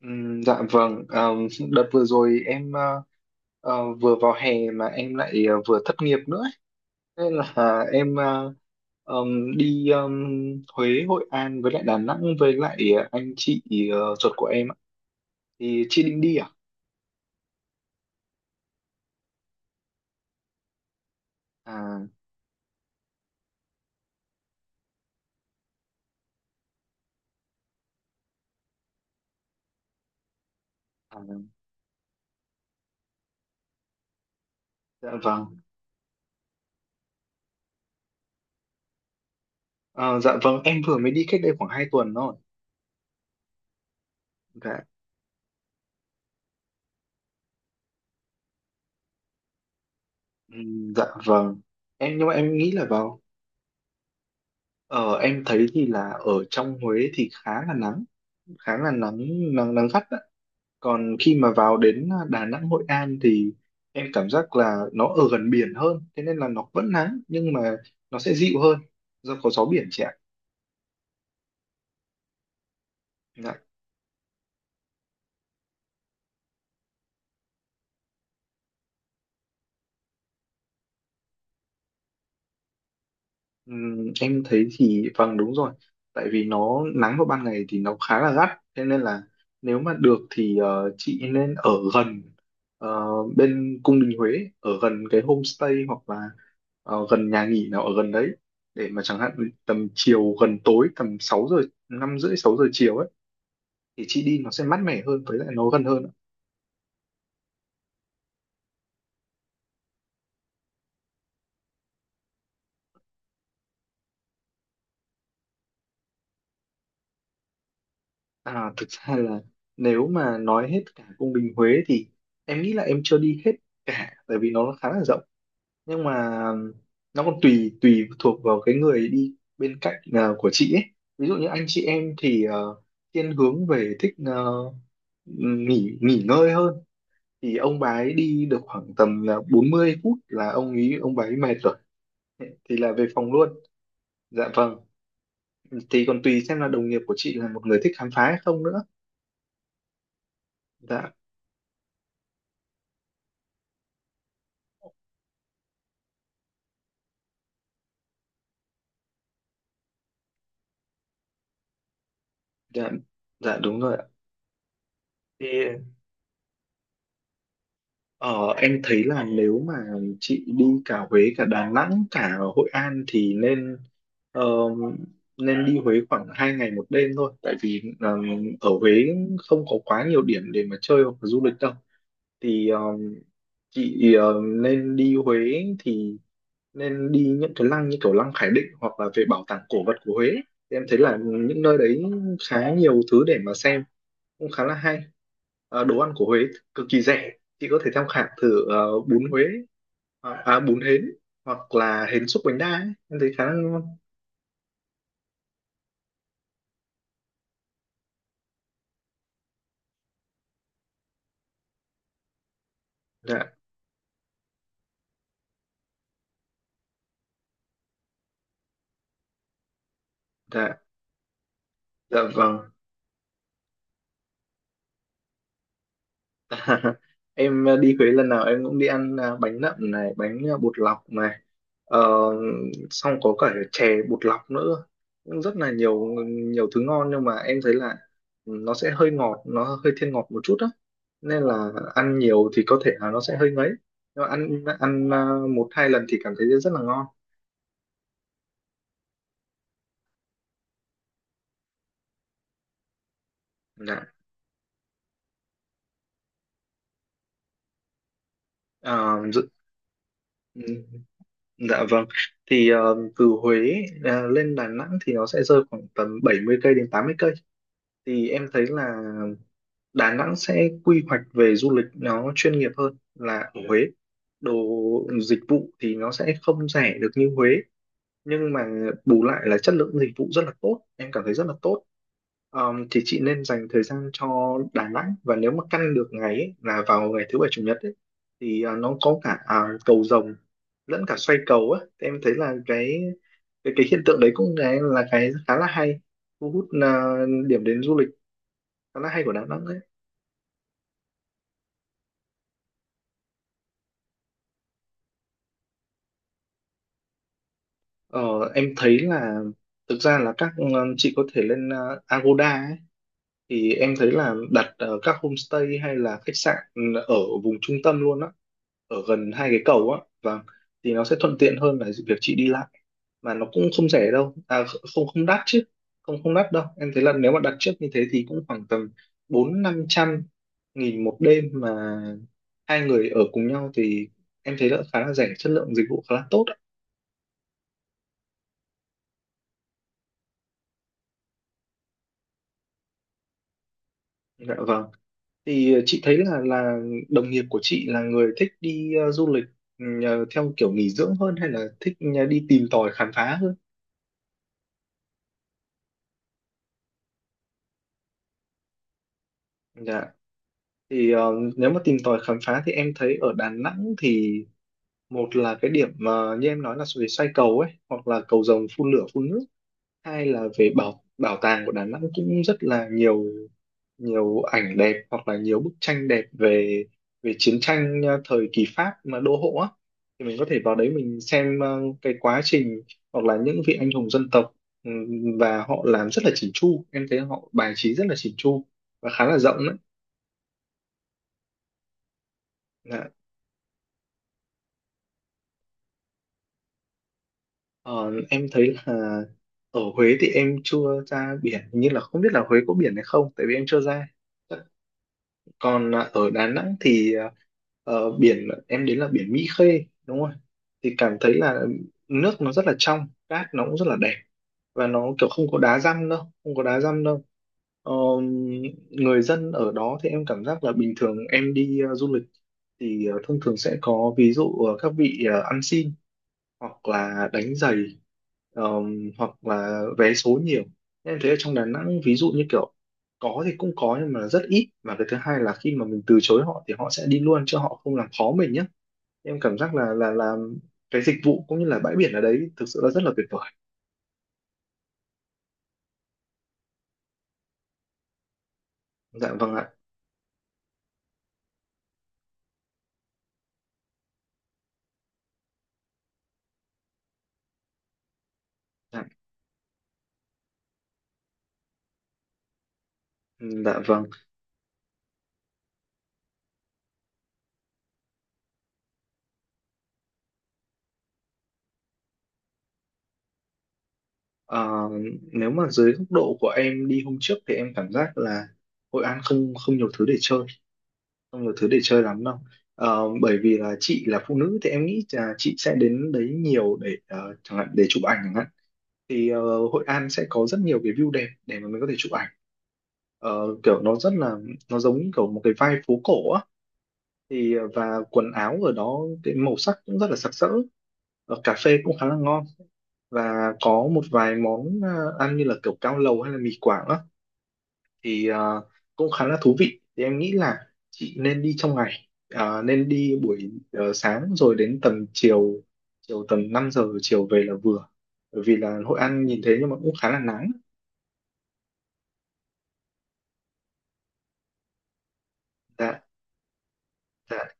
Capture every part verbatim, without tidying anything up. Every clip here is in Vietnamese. Ừm, dạ vâng, Ờ, Đợt vừa rồi em ờ, ờ, vừa vào hè mà em lại ờ, vừa thất nghiệp nữa ấy. Nên là em ờ, ờm, đi ờm, Huế, Hội An với lại Đà Nẵng với lại ờ, anh chị ờ, ruột của em ạ. Thì chị định đi à? À, à dạ vâng. Ờ, dạ vâng, em vừa mới đi cách đây khoảng hai tuần thôi. Dạ. Ừm, dạ vâng, em nhưng mà em nghĩ là vào. Ờ, em thấy thì là ở trong Huế thì khá là nắng, khá là nắng, nắng nắng gắt. Còn khi mà vào đến à, Đà Nẵng, Hội An thì em cảm giác là nó ở gần biển hơn, thế nên là nó vẫn nắng nhưng mà nó sẽ dịu hơn do có gió biển chị ạ. Dạ. Ừm, em thấy thì vâng đúng rồi, tại vì nó nắng vào ban ngày thì nó khá là gắt, thế nên là nếu mà được thì ờ, chị nên ở gần ờ, bên cung đình Huế, ở gần cái homestay hoặc là ờ, gần nhà nghỉ nào ở gần đấy để mà chẳng hạn tầm chiều gần tối tầm sáu giờ, năm rưỡi sáu giờ chiều ấy, thì chị đi nó sẽ mát mẻ hơn với lại nó gần hơn. À, thực ra là nếu mà nói hết cả cung đình Huế thì em nghĩ là em chưa đi hết cả, tại vì nó khá là rộng, nhưng mà nó còn tùy tùy thuộc vào cái người đi bên cạnh à, của chị ấy. Ví dụ như anh chị em thì ờ, thiên hướng về thích ờ, nghỉ nghỉ ngơi hơn, thì ông bà ấy đi được khoảng tầm là bốn mươi phút là ông ý ông bà ấy mệt rồi, thì là về phòng luôn. Dạ vâng, thì còn tùy xem là đồng nghiệp của chị là một người thích khám phá hay không nữa. Dạ. Dạ, dạ đúng rồi ạ. Thì ờ, em thấy là nếu mà chị đi cả Huế cả Đà Nẵng cả Hội An thì nên, ờ, nên đi Huế khoảng hai ngày một đêm thôi, tại vì ờ, ở Huế không có quá nhiều điểm để mà chơi hoặc là du lịch đâu. Thì ờ, chị ờ, nên đi Huế thì nên đi những cái lăng như kiểu lăng Khải Định hoặc là về bảo tàng cổ vật của Huế. Thì em thấy là những nơi đấy khá nhiều thứ để mà xem, cũng khá là hay. Ờ, đồ ăn của Huế cực kỳ rẻ, chị có thể tham khảo thử ờ, bún Huế, à, à, bún hến hoặc là hến xúc bánh đa ấy. Em thấy khá là ngon. Dạ, dạ, dạ vâng. Em ờ, đi Huế lần nào em cũng đi ăn ờ, bánh nậm này, bánh ờ, bột lọc này, ờ, xong có cả chè bột lọc nữa. Cũng rất là nhiều nhiều thứ ngon, nhưng mà em thấy là nó sẽ hơi ngọt, nó hơi thiên ngọt một chút á, nên là ăn nhiều thì có thể là nó sẽ hơi ngấy, nhưng mà ăn ăn ờ, một hai lần thì cảm thấy rất là ngon. Dạ. Ờ, dự- ừ, dạ vâng, thì ờ, từ Huế ờ, lên Đà Nẵng thì nó sẽ rơi khoảng tầm bảy mươi cây đến tám mươi cây. Thì em thấy là Đà Nẵng sẽ quy hoạch về du lịch nó chuyên nghiệp hơn là ở Huế. Đồ dịch vụ thì nó sẽ không rẻ được như Huế, nhưng mà bù lại là chất lượng dịch vụ rất là tốt, em cảm thấy rất là tốt. Ờm, thì chị nên dành thời gian cho Đà Nẵng, và nếu mà căn được ngày ấy, là vào ngày thứ bảy chủ nhật ấy, thì à, nó có cả à, cầu rồng lẫn cả xoay cầu á. Thì em thấy là cái cái, cái hiện tượng đấy cũng là, là cái khá là hay, thu hút à, điểm đến du lịch khá là hay của Đà Nẵng. Ờ, em thấy là thực ra là các ờ, chị có thể lên ờ, Agoda ấy, thì em thấy là đặt ờ, các homestay hay là khách sạn, ừ, ở vùng trung tâm luôn á, ở gần hai cái cầu á, và thì nó sẽ thuận tiện hơn là việc chị đi lại, mà nó cũng không rẻ đâu, à không không đắt chứ, không không đắt đâu. Em thấy là nếu mà đặt trước như thế thì cũng khoảng tầm bốn năm trăm nghìn một đêm, mà hai người ở cùng nhau thì em thấy là khá là rẻ, chất lượng dịch vụ khá là tốt ạ. Dạ vâng. Thì ờ, chị thấy là là đồng nghiệp của chị là người thích đi ờ, du lịch ừ, ờ, theo kiểu nghỉ dưỡng hơn hay là thích ờ, đi tìm tòi khám phá hơn? Dạ. Thì ờ, nếu mà tìm tòi khám phá thì em thấy ở Đà Nẵng thì, một là cái điểm mà như em nói là về xoay cầu ấy hoặc là cầu rồng phun lửa phun nước, hai là về bảo bảo tàng của Đà Nẵng, cũng rất là nhiều, nhiều ảnh đẹp hoặc là nhiều bức tranh đẹp về, về chiến tranh ờ, thời kỳ Pháp mà đô hộ á, thì mình có thể vào đấy mình xem ờ, cái quá trình hoặc là những vị anh hùng dân tộc. Ừm, và họ làm rất là chỉn chu, em thấy họ bài trí rất là chỉn chu và khá là rộng đấy. Dạ. Ờ, em thấy là ở Huế thì em chưa ra biển, hình như là không biết là Huế có biển hay không, tại vì em chưa ra. Còn à, ở Đà Nẵng thì à, ờ, biển em đến là biển Mỹ Khê đúng không, thì cảm thấy là nước nó rất là trong, cát nó cũng rất là đẹp, và nó kiểu không có đá răm đâu Không có đá răm đâu. Ờ, người dân ở đó thì em cảm giác là bình thường em đi ờ, du lịch thì ờ, thông thường sẽ có, ví dụ ờ, các vị ờ, ăn xin hoặc là đánh giày, ờm, hoặc là vé số nhiều. Em thấy ở trong Đà Nẵng ví dụ như kiểu có thì cũng có, nhưng mà rất ít, và cái thứ hai là khi mà mình từ chối họ thì họ sẽ đi luôn, chứ họ không làm khó mình nhé. Em cảm giác là là là cái dịch vụ cũng như là bãi biển ở đấy thực sự là rất là tuyệt vời. Dạ vâng ạ. Dạ, dạ vâng. Ờ, nếu mà dưới góc độ của em đi hôm trước thì em cảm giác là Hội An không không nhiều thứ để chơi, không nhiều thứ để chơi lắm đâu. Ờ, bởi vì là chị là phụ nữ thì em nghĩ là chị sẽ đến đấy nhiều để ờ, chẳng hạn để chụp ảnh chẳng hạn, thì ờ, Hội An sẽ có rất nhiều cái view đẹp để mà mình có thể chụp ảnh. Ờ, kiểu nó rất là, nó giống như kiểu một cái vibe phố cổ á, thì ờ, và quần áo ở đó cái màu sắc cũng rất là sặc sỡ. Ờ, cà phê cũng khá là ngon, và có một vài món ờ, ăn như là kiểu cao lầu hay là mì Quảng á, thì ờ, cũng khá là thú vị. Thì em nghĩ là chị nên đi trong ngày. Ờ, nên đi buổi ờ, sáng rồi đến tầm chiều, chiều tầm năm giờ chiều về là vừa, bởi vì là Hội An nhìn thế nhưng mà cũng khá là nắng. Dạ. Dạ.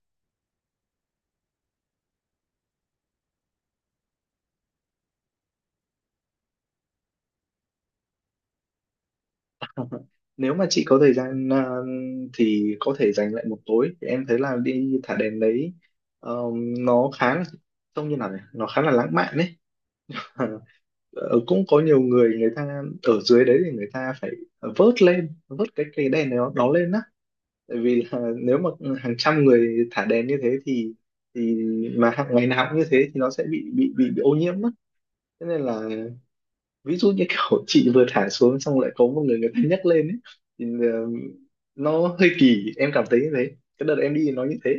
Nếu mà chị có thời gian ờ, thì có thể dành lại một tối, thì em thấy là đi thả đèn đấy, ờ, nó khá là, trông như nào nhỉ, nó khá là lãng mạn đấy. Ờ, cũng có nhiều người, người ta ở dưới đấy thì người ta phải ờ, vớt lên, vớt cái cây đèn này nó, nó lên á, tại vì là nếu mà hàng trăm người thả đèn như thế thì thì mà hàng ngày nào cũng như thế thì nó sẽ bị bị bị, bị ô nhiễm mất, thế nên là ví dụ như kiểu chị vừa thả xuống xong lại có một người, người ta nhấc lên ấy, thì ờ, nó hơi kỳ, em cảm thấy như thế, cái đợt em đi nó như thế,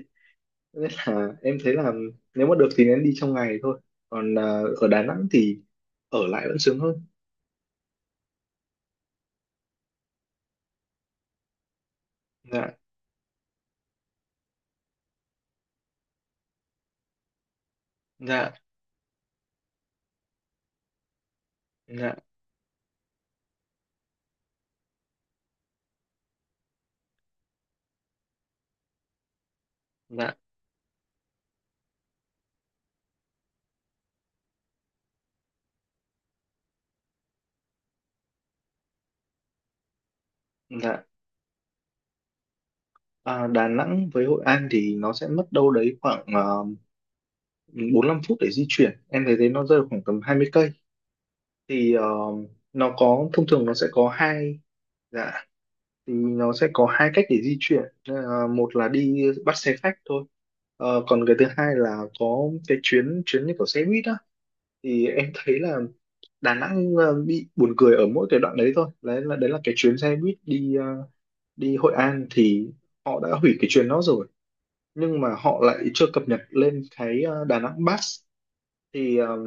nên là em thấy là nếu mà được thì nên đi trong ngày thôi. Còn à, ở Đà Nẵng thì ở lại vẫn sướng hơn. Dạ. Dạ. Dạ. Dạ. Dạ. À, Đà Nẵng với Hội An thì nó sẽ mất đâu đấy khoảng, uh, bốn mươi lăm phút để di chuyển, em thấy thế, nó rơi vào khoảng tầm hai mươi cây. Thì ờ, nó có, thông thường nó sẽ có hai. Dạ, thì nó sẽ có hai cách để di chuyển. Nên một là đi bắt xe khách thôi. Ờ, còn cái thứ hai là có cái chuyến chuyến như kiểu xe buýt á, thì em thấy là Đà Nẵng ờ, bị buồn cười ở mỗi cái đoạn đấy thôi, đấy là đấy là cái chuyến xe buýt đi ờ, đi Hội An, thì họ đã hủy cái chuyến đó rồi, nhưng mà họ lại chưa cập nhật lên cái ờ, Đà Nẵng Bus. Thì ờ,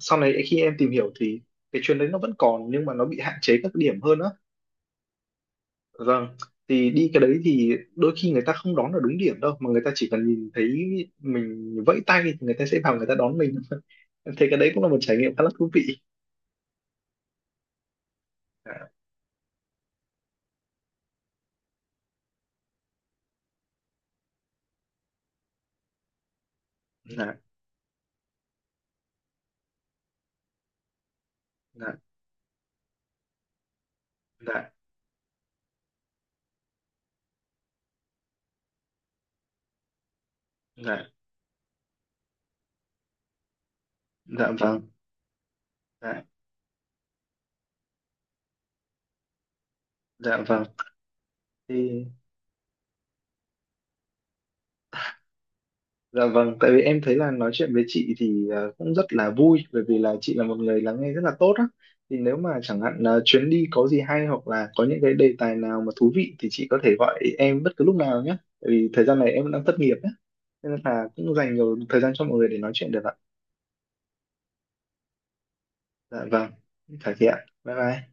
sau này khi em tìm hiểu thì cái chuyến đấy nó vẫn còn, nhưng mà nó bị hạn chế các điểm hơn á. Vâng, thì đi cái đấy thì đôi khi người ta không đón ở đúng điểm đâu, mà người ta chỉ cần nhìn thấy mình vẫy tay thì người ta sẽ vào, người ta đón mình. Thế cái đấy cũng là một trải nghiệm khá là thú vị. Dạ, dạ, dạ, dạ, dạ, dạ vâng, dạ, dạ vâng. Thì dạ vâng, tại vì em thấy là nói chuyện với chị thì ờ, cũng rất là vui, bởi vì là chị là một người lắng nghe rất là tốt á. Thì nếu mà chẳng hạn ờ, chuyến đi có gì hay hoặc là có những cái đề tài nào mà thú vị thì chị có thể gọi em bất cứ lúc nào nhé. Tại vì thời gian này em đang thất nghiệp á. Nên là cũng dành nhiều thời gian cho mọi người để nói chuyện được ạ. Dạ vâng, phải thế ạ. Bye bye.